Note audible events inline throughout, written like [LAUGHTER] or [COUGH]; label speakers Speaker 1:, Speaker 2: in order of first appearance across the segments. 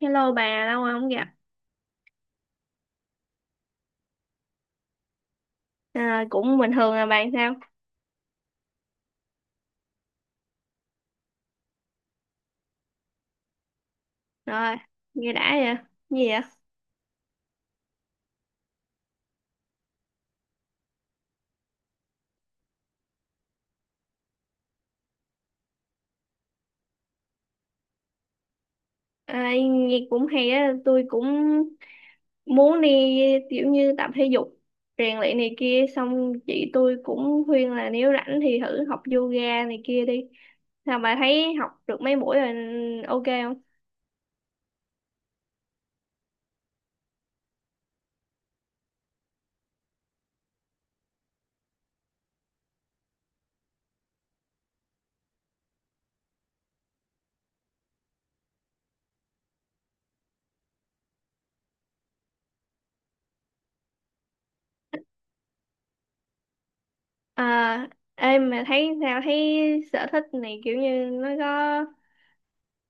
Speaker 1: Hello bà, lâu rồi không gặp. À, cũng bình thường. Là bạn sao? Rồi, nghe đã vậy. Gì vậy? À, nghe cũng hay á, tôi cũng muốn đi kiểu như tập thể dục, rèn luyện này kia. Xong chị tôi cũng khuyên là nếu rảnh thì thử học yoga này kia đi. Sao bà thấy học được mấy buổi rồi ok không? À, ê mà thấy sao, thấy sở thích này kiểu như nó có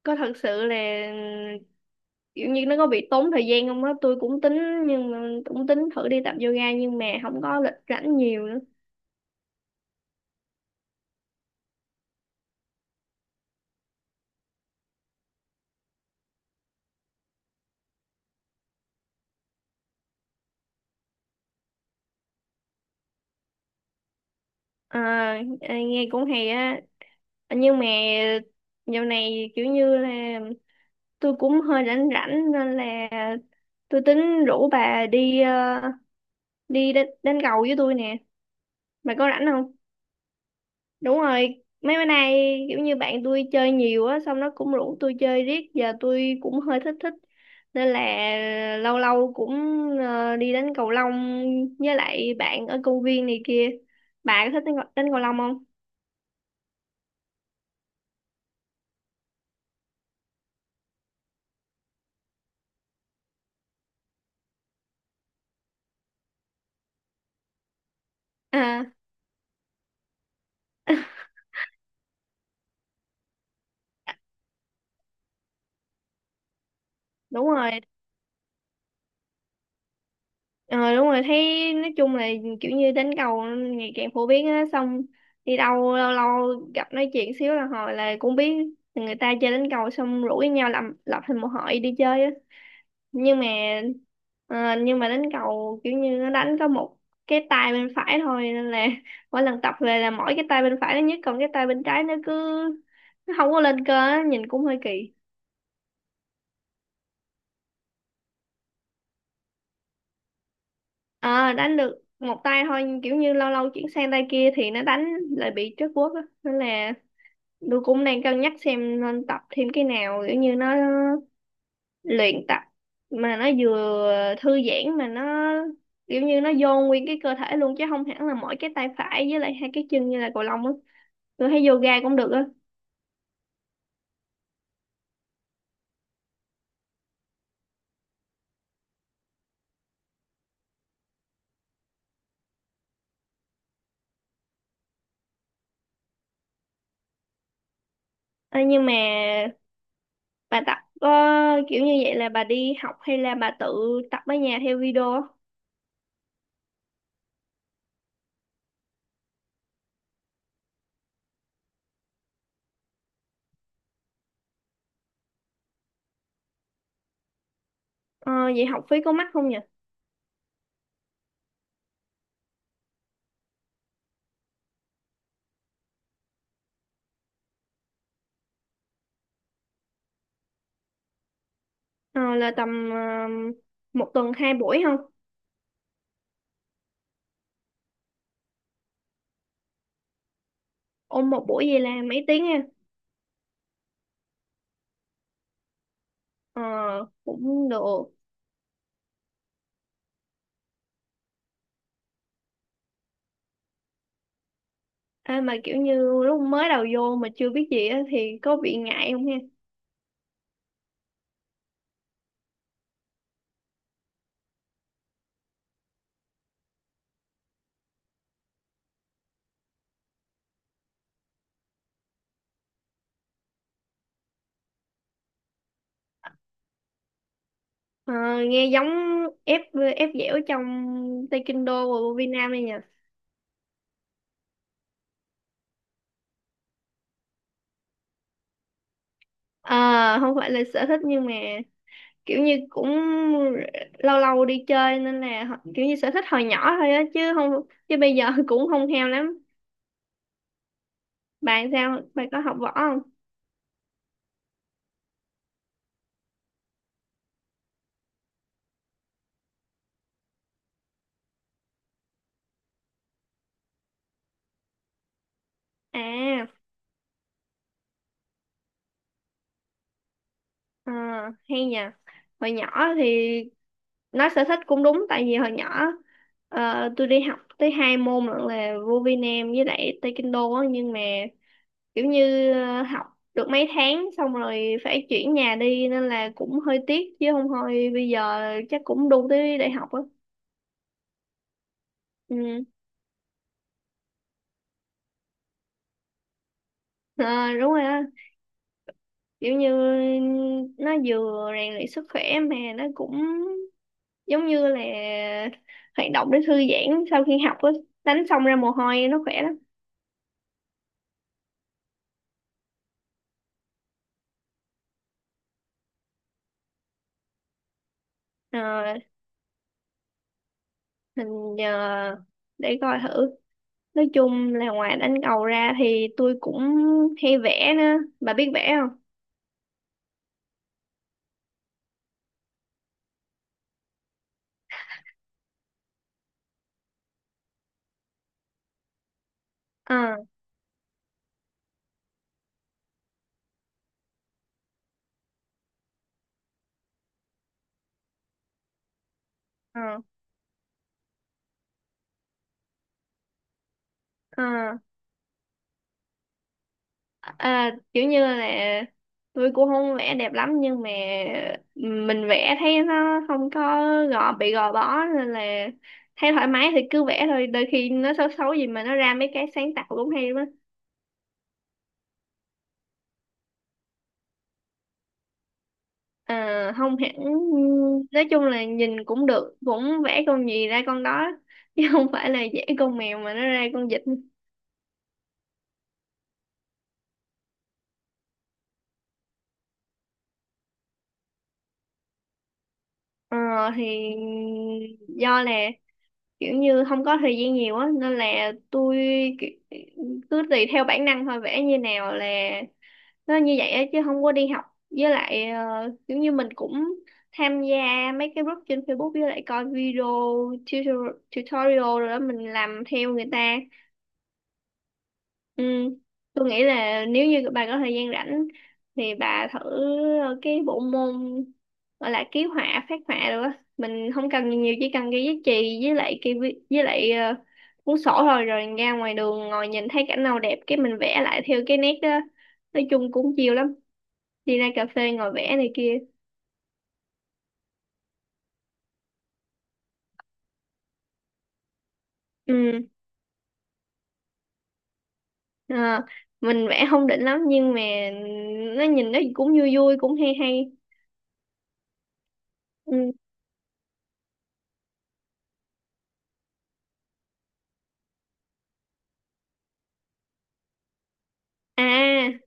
Speaker 1: có thật sự là, kiểu như nó có bị tốn thời gian không á? Tôi cũng tính, nhưng mà cũng tính thử đi tập yoga nhưng mà không có lịch rảnh nhiều nữa. À, à, nghe cũng hay á. Nhưng mà dạo này kiểu như là tôi cũng hơi rảnh rảnh nên là tôi tính rủ bà đi đi đánh cầu với tôi nè. Bà có rảnh không? Đúng rồi, mấy bữa nay kiểu như bạn tôi chơi nhiều á, xong nó cũng rủ tôi chơi riết, giờ tôi cũng hơi thích thích. Nên là lâu lâu cũng đi đánh cầu lông với lại bạn ở công viên này kia. Bà có thích đánh cầu lông không? À, đúng rồi. Ờ, đúng rồi, thấy nói chung là kiểu như đánh cầu ngày càng phổ biến á, xong đi đâu lâu lâu gặp nói chuyện xíu là hồi là cũng biết người ta chơi đánh cầu, xong rủ với nhau làm, lập thành một hội đi chơi á. nhưng mà ờ, nhưng mà đánh cầu kiểu như nó đánh có một cái tay bên phải thôi nên là [LAUGHS] mỗi lần tập về là mỗi cái tay bên phải nó nhất, còn cái tay bên trái nó cứ, nó không có lên cơ á, nhìn cũng hơi kỳ. Ờ, đánh được một tay thôi nhưng kiểu như lâu lâu chuyển sang tay kia thì nó đánh lại bị trớt guốc á, nên là tôi cũng đang cân nhắc xem nên tập thêm cái nào kiểu như nó luyện tập mà nó vừa thư giãn, mà nó kiểu như nó vô nguyên cái cơ thể luôn chứ không hẳn là mỗi cái tay phải với lại hai cái chân như là cầu lông á. Tôi thấy yoga cũng được á. Ờ, nhưng mà bà tập có kiểu như vậy là bà đi học hay là bà tự tập ở nhà theo video á? Ờ, vậy học phí có mắc không nhỉ? Ờ, là tầm một tuần hai buổi không? Ôn một buổi vậy là mấy tiếng ha? Ờ, cũng được. Ê, mà kiểu như lúc mới đầu vô mà chưa biết gì á thì có bị ngại không ha? Ờ, nghe giống ép ép dẻo trong Taekwondo của Việt Nam này nhỉ. Ờ, không phải là sở thích nhưng mà kiểu như cũng lâu lâu đi chơi nên là kiểu như sở thích hồi nhỏ thôi á, chứ không, chứ bây giờ [LAUGHS] cũng không theo lắm. Bạn sao, bạn có học võ không? à ờ, Hay nhỉ. Hồi nhỏ thì nói sở thích cũng đúng, tại vì hồi nhỏ tôi đi học tới hai môn lận là vô Việt Nam với lại Taekwondo á, nhưng mà kiểu như học được mấy tháng xong rồi phải chuyển nhà đi nên là cũng hơi tiếc, chứ không thôi bây giờ chắc cũng đu tới đại học á. Ừ. Ờ, đúng rồi á, kiểu như nó vừa rèn luyện sức khỏe mà nó cũng giống như là hoạt động để thư giãn sau khi học á. Đánh xong ra mồ hôi nó khỏe lắm. Ờ, mình ờ, để coi thử. Nói chung là ngoài đánh cầu ra thì tôi cũng hay vẽ nữa. Bà biết vẽ không? Ờ, ờ. Ờ, à, kiểu như là tôi cũng không vẽ đẹp lắm nhưng mà mình vẽ thấy nó không có bị gò bó nên là thấy thoải mái thì cứ vẽ thôi, đôi khi nó xấu xấu gì mà nó ra mấy cái sáng tạo cũng hay lắm á. Ờ, không hẳn. Nói chung là nhìn cũng được, cũng vẽ con gì ra con đó chứ không phải là vẽ con mèo mà nó ra con vịt. Ờ, thì do là kiểu như không có thời gian nhiều á nên là tôi ki- cứ tùy theo bản năng thôi, vẽ như nào là nó như vậy á, chứ không có đi học. Với lại kiểu như mình cũng tham gia mấy cái group trên Facebook với lại coi video tutorial rồi đó, mình làm theo người ta. Ừ. Tôi nghĩ là nếu như bà có thời gian rảnh thì bà thử cái bộ môn gọi là ký họa, phác họa được á. Mình không cần nhiều nhiều, chỉ cần cái giấy chì với lại cái vi- với lại ờ, cuốn sổ thôi, rồi ra ngoài đường ngồi nhìn thấy cảnh nào đẹp cái mình vẽ lại theo cái nét đó. Nói chung cũng chiều lắm, đi ra cà phê ngồi vẽ này kia. Ừ. ờ, mình vẽ không đỉnh lắm nhưng mà nó nhìn nó cũng vui vui, cũng hay hay. Ừ. À,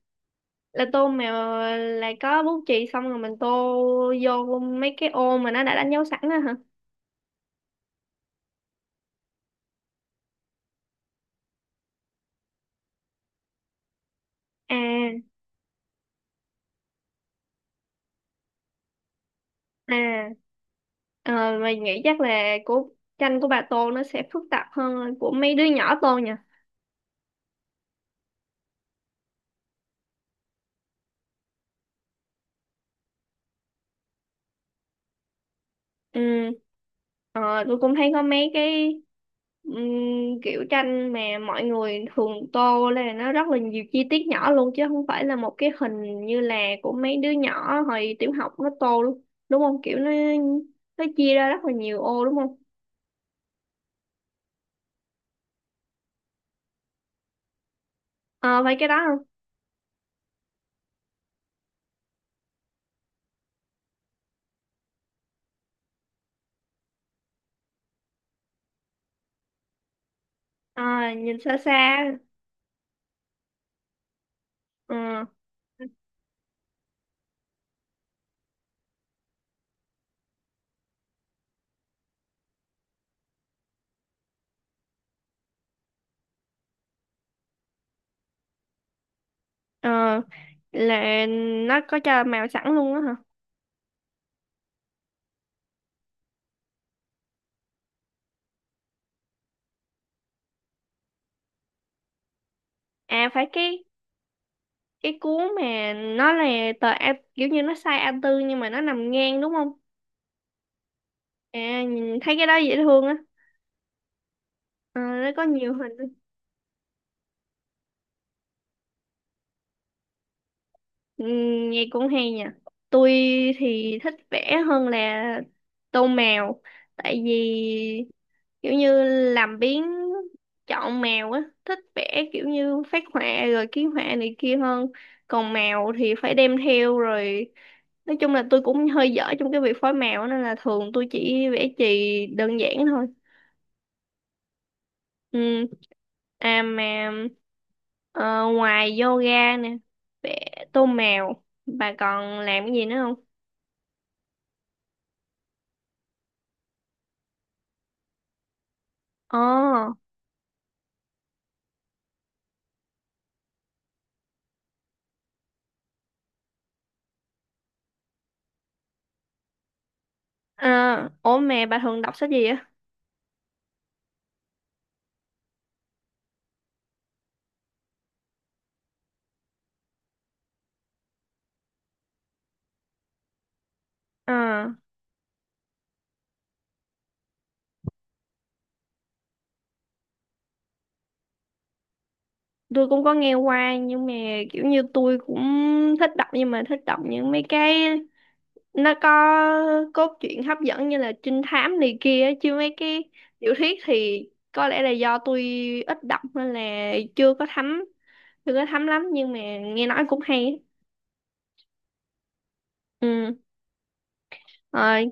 Speaker 1: là tô mà lại có bút chì xong rồi mình tô vô mấy cái ô mà nó đã đánh dấu sẵn á hả? À. À. Ờ, mình nghĩ chắc là của, tranh của bà tô nó sẽ phức tạp hơn của mấy đứa nhỏ tô nhỉ. Ừ. Ờ, tôi cũng thấy có mấy cái kiểu tranh mà mọi người thường tô là nó rất là nhiều chi tiết nhỏ luôn, chứ không phải là một cái hình như là của mấy đứa nhỏ hồi tiểu học nó tô luôn, đúng không? Kiểu nó chia ra rất là nhiều ô đúng không? Ờ, phải cái đó không? Ờ, nhìn xa xa. Ờ. Ờ, là nó có cho màu sẵn luôn á hả? À, phải cái, cuốn mà nó là tờ A, kiểu như nó size A4 nhưng mà nó nằm ngang đúng không? À, nhìn thấy cái đó dễ thương á. Ờ, nó có nhiều hình. Ừ, nghe cũng hay nha. Tôi thì thích vẽ hơn là tô mèo. Tại vì kiểu như làm biếng chọn mèo á. Thích vẽ kiểu như phác họa rồi ký họa này kia hơn. Còn mèo thì phải đem theo rồi. Nói chung là tôi cũng hơi dở trong cái việc phối mèo nên là thường tôi chỉ vẽ chì đơn giản thôi. Ừ. À mà ờ, ngoài yoga nè, vẽ tô mèo, bà còn làm cái gì nữa không? Ồ, à, ủa mẹ bà thường đọc sách gì á? À, tôi cũng có nghe qua nhưng mà kiểu như tôi cũng thích đọc, nhưng mà thích đọc những mấy cái nó có cốt truyện hấp dẫn như là trinh thám này kia á, chứ mấy cái tiểu thuyết thì có lẽ là do tôi ít đọc nên là chưa có thấm, chưa có thấm lắm, nhưng mà nghe nói cũng hay á. Ừ. Rồi,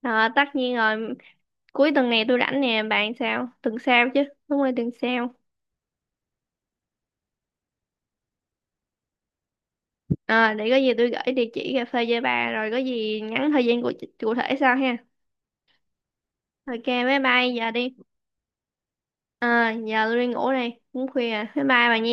Speaker 1: ờ, tất nhiên rồi, cuối tuần này tôi rảnh nè, bạn sao? Tuần sau chứ, đúng rồi, tuần sau. Ờ, để có gì tôi gửi địa chỉ cà phê cho bà, rồi có gì nhắn thời gian cụ thể sau ha. Ok, bye bye, giờ đi. Ờ, giờ tôi đi ngủ đây, cũng khuya rồi. Bye bye bà nha.